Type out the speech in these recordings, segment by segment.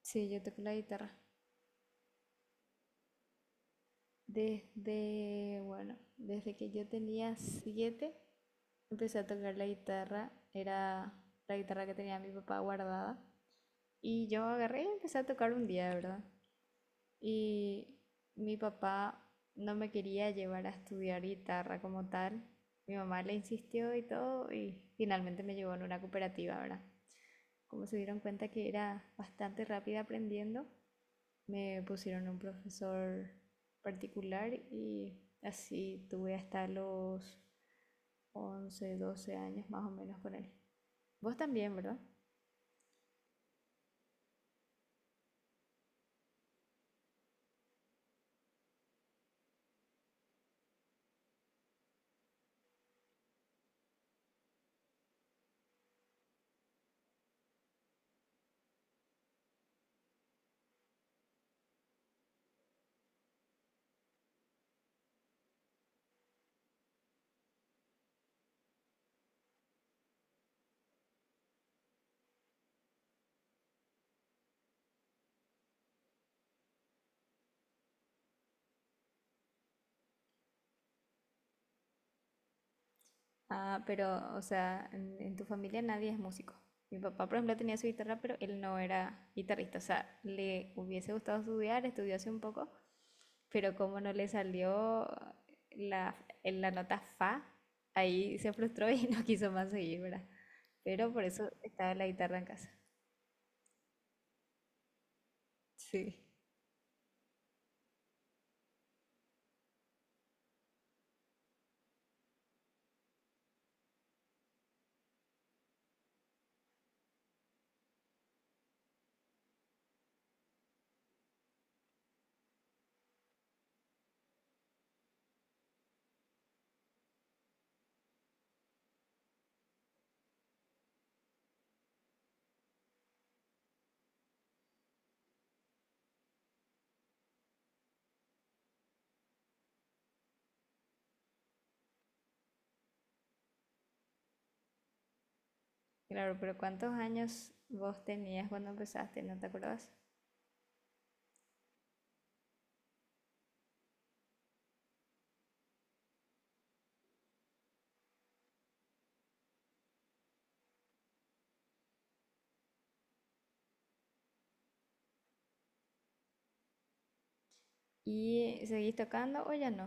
Sí, yo toco la guitarra. Desde, bueno, desde que yo tenía 7, empecé a tocar la guitarra. Era la guitarra que tenía mi papá guardada. Y yo agarré y empecé a tocar un día, ¿verdad? Y mi papá no me quería llevar a estudiar guitarra como tal. Mi mamá le insistió y todo, y finalmente me llevó en una cooperativa, ¿verdad? Como se dieron cuenta que era bastante rápida aprendiendo, me pusieron un profesor particular y así tuve hasta los 11 12 años más o menos con él. Vos también, ¿verdad? Ah, pero, o sea, en tu familia nadie es músico. Mi papá, por ejemplo, tenía su guitarra, pero él no era guitarrista. O sea, le hubiese gustado estudiar, estudió hace un poco, pero como no le salió la, en la nota fa, ahí se frustró y no quiso más seguir, ¿verdad? Pero por eso estaba la guitarra en casa. Sí, claro, pero ¿cuántos años vos tenías cuando empezaste? ¿No te acordás? ¿Y seguís tocando o ya no?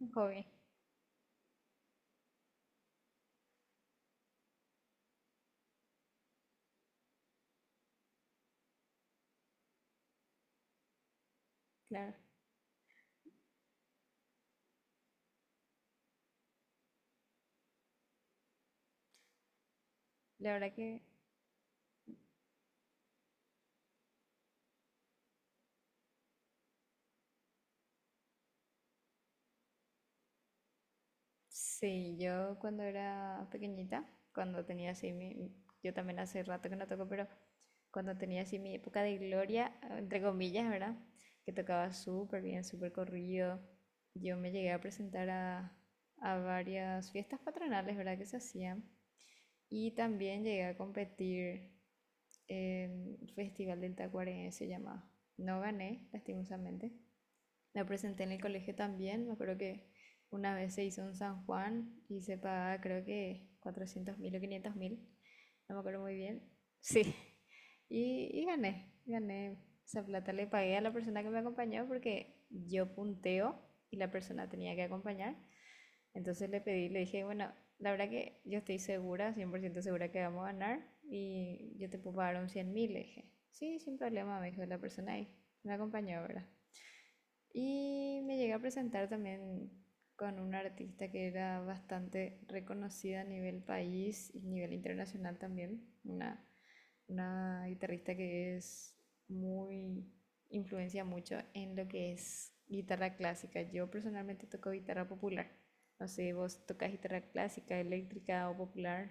Un hobby, claro. La verdad que sí, yo cuando era pequeñita, cuando tenía así mi... Yo también hace rato que no toco, pero cuando tenía así mi época de gloria, entre comillas, ¿verdad? Que tocaba súper bien, súper corrido. Yo me llegué a presentar a varias fiestas patronales, ¿verdad? Que se hacían. Y también llegué a competir en el Festival del Tacuarembó, se llamaba. No gané, lastimosamente. La presenté en el colegio también. Me acuerdo que una vez se hizo en San Juan y se pagaba, creo que 400.000 o 500.000. No me acuerdo muy bien. Sí. Y gané, gané. Esa plata le pagué a la persona que me acompañó porque yo punteo y la persona tenía que acompañar. Entonces le pedí, le dije, bueno, la verdad que yo estoy segura, 100% segura que vamos a ganar y yo te puedo pagar un 100.000, le dije. Sí, sin problema, me dijo la persona ahí. Me acompañó, ¿verdad? Y me llegué a presentar también con una artista que era bastante reconocida a nivel país y a nivel internacional también, una guitarrista que es muy, influencia mucho en lo que es guitarra clásica. Yo personalmente toco guitarra popular. No sé, vos tocas guitarra clásica, eléctrica o popular.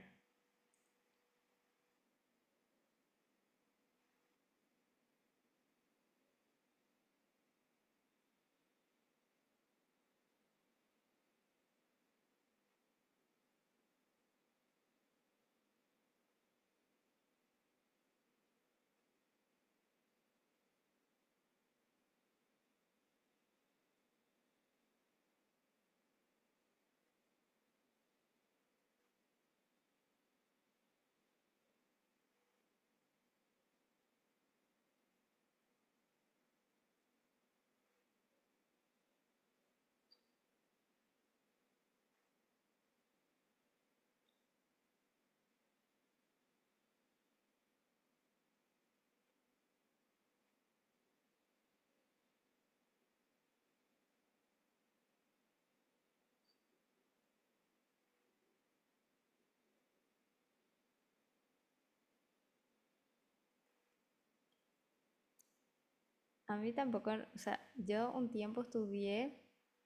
A mí tampoco, o sea, yo un tiempo estudié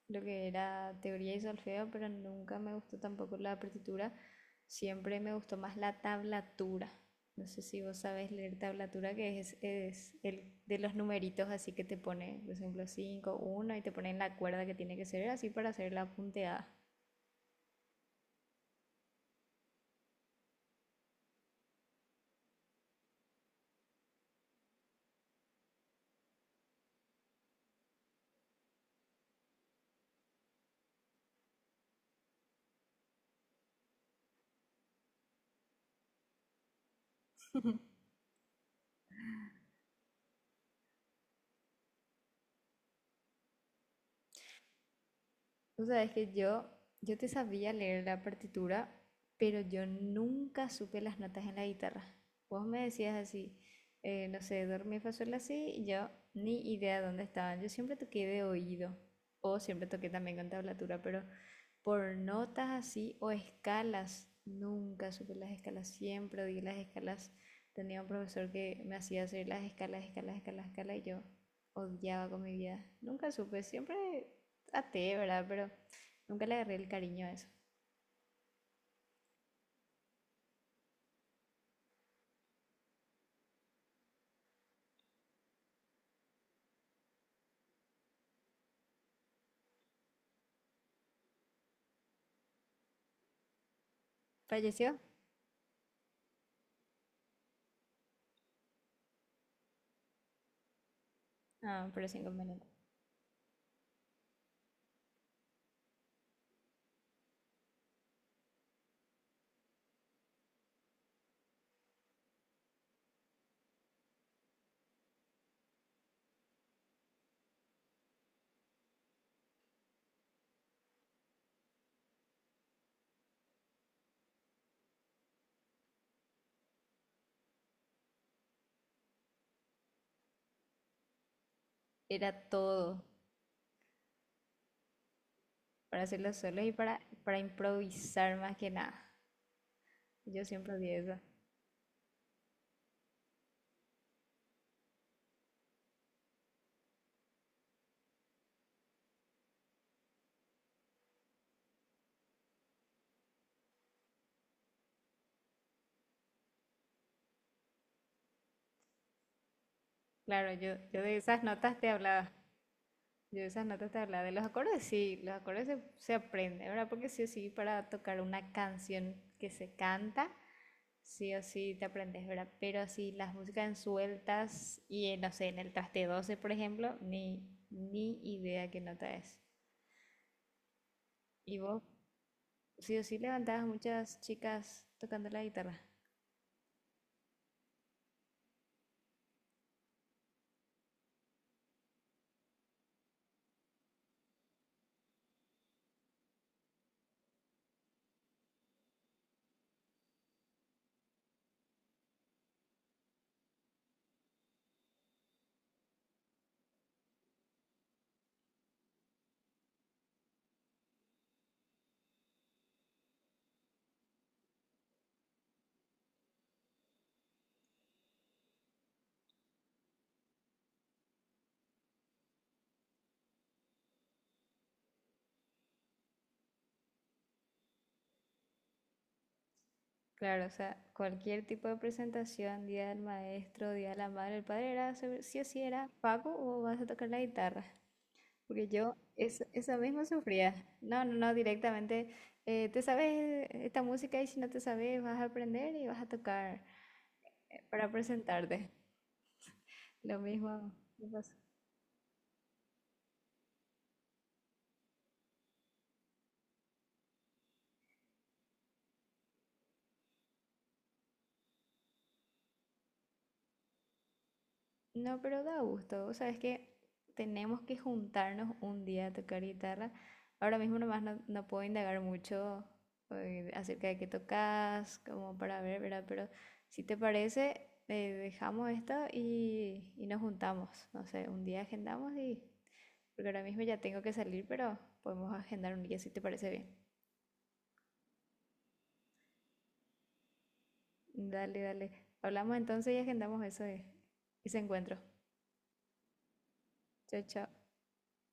lo que era teoría y solfeo, pero nunca me gustó tampoco la partitura. Siempre me gustó más la tablatura. No sé si vos sabés leer tablatura, que es el de los numeritos, así que te pone, por ejemplo, 5 1 y te pone en la cuerda que tiene que ser, así para hacer la punteada. Tú sabes que yo te sabía leer la partitura, pero yo nunca supe las notas en la guitarra. Vos me decías así, no sé, do, re, mi, fa, sol, la, si, y yo ni idea dónde estaban. Yo siempre toqué de oído, o siempre toqué también con tablatura, pero por notas así o escalas, nunca supe las escalas, siempre odié las escalas. Tenía un profesor que me hacía hacer las escalas, escalas, escalas, escalas, y yo odiaba con mi vida. Nunca supe, siempre a, ¿verdad? Pero nunca le agarré el cariño a eso. ¿Falleció? Ah, pero sin inconveniente. Era todo para hacerlo solo y para improvisar más que nada. Yo siempre odié eso. Claro, yo de esas notas te hablaba. Yo de esas notas te hablaba. De los acordes sí, los acordes se, se aprende, ¿verdad? Porque sí o sí, para tocar una canción que se canta, sí o sí te aprendes, ¿verdad? Pero así las músicas en sueltas y en, no sé, en el traste 12 por ejemplo, ni idea qué nota es. Y vos, sí o sí, levantabas muchas chicas tocando la guitarra. Claro, o sea, cualquier tipo de presentación, día del maestro, día de la madre, el padre, era, sí o sí era, Paco, o vas a tocar la guitarra. Porque yo esa misma sufría. No, no, no, directamente, te sabes esta música y si no te sabes vas a aprender y vas a tocar para presentarte. Lo mismo me pasó. No, pero da gusto. O sea, es que tenemos que juntarnos un día a tocar guitarra. Ahora mismo nomás no, no puedo indagar mucho acerca de qué tocas, como para ver, ¿verdad? Pero si te parece, dejamos esto y nos juntamos. No sé, un día agendamos y... Porque ahora mismo ya tengo que salir, pero podemos agendar un día si te parece bien. Dale, dale. Hablamos entonces y agendamos eso, ese encuentro. Chao, chao.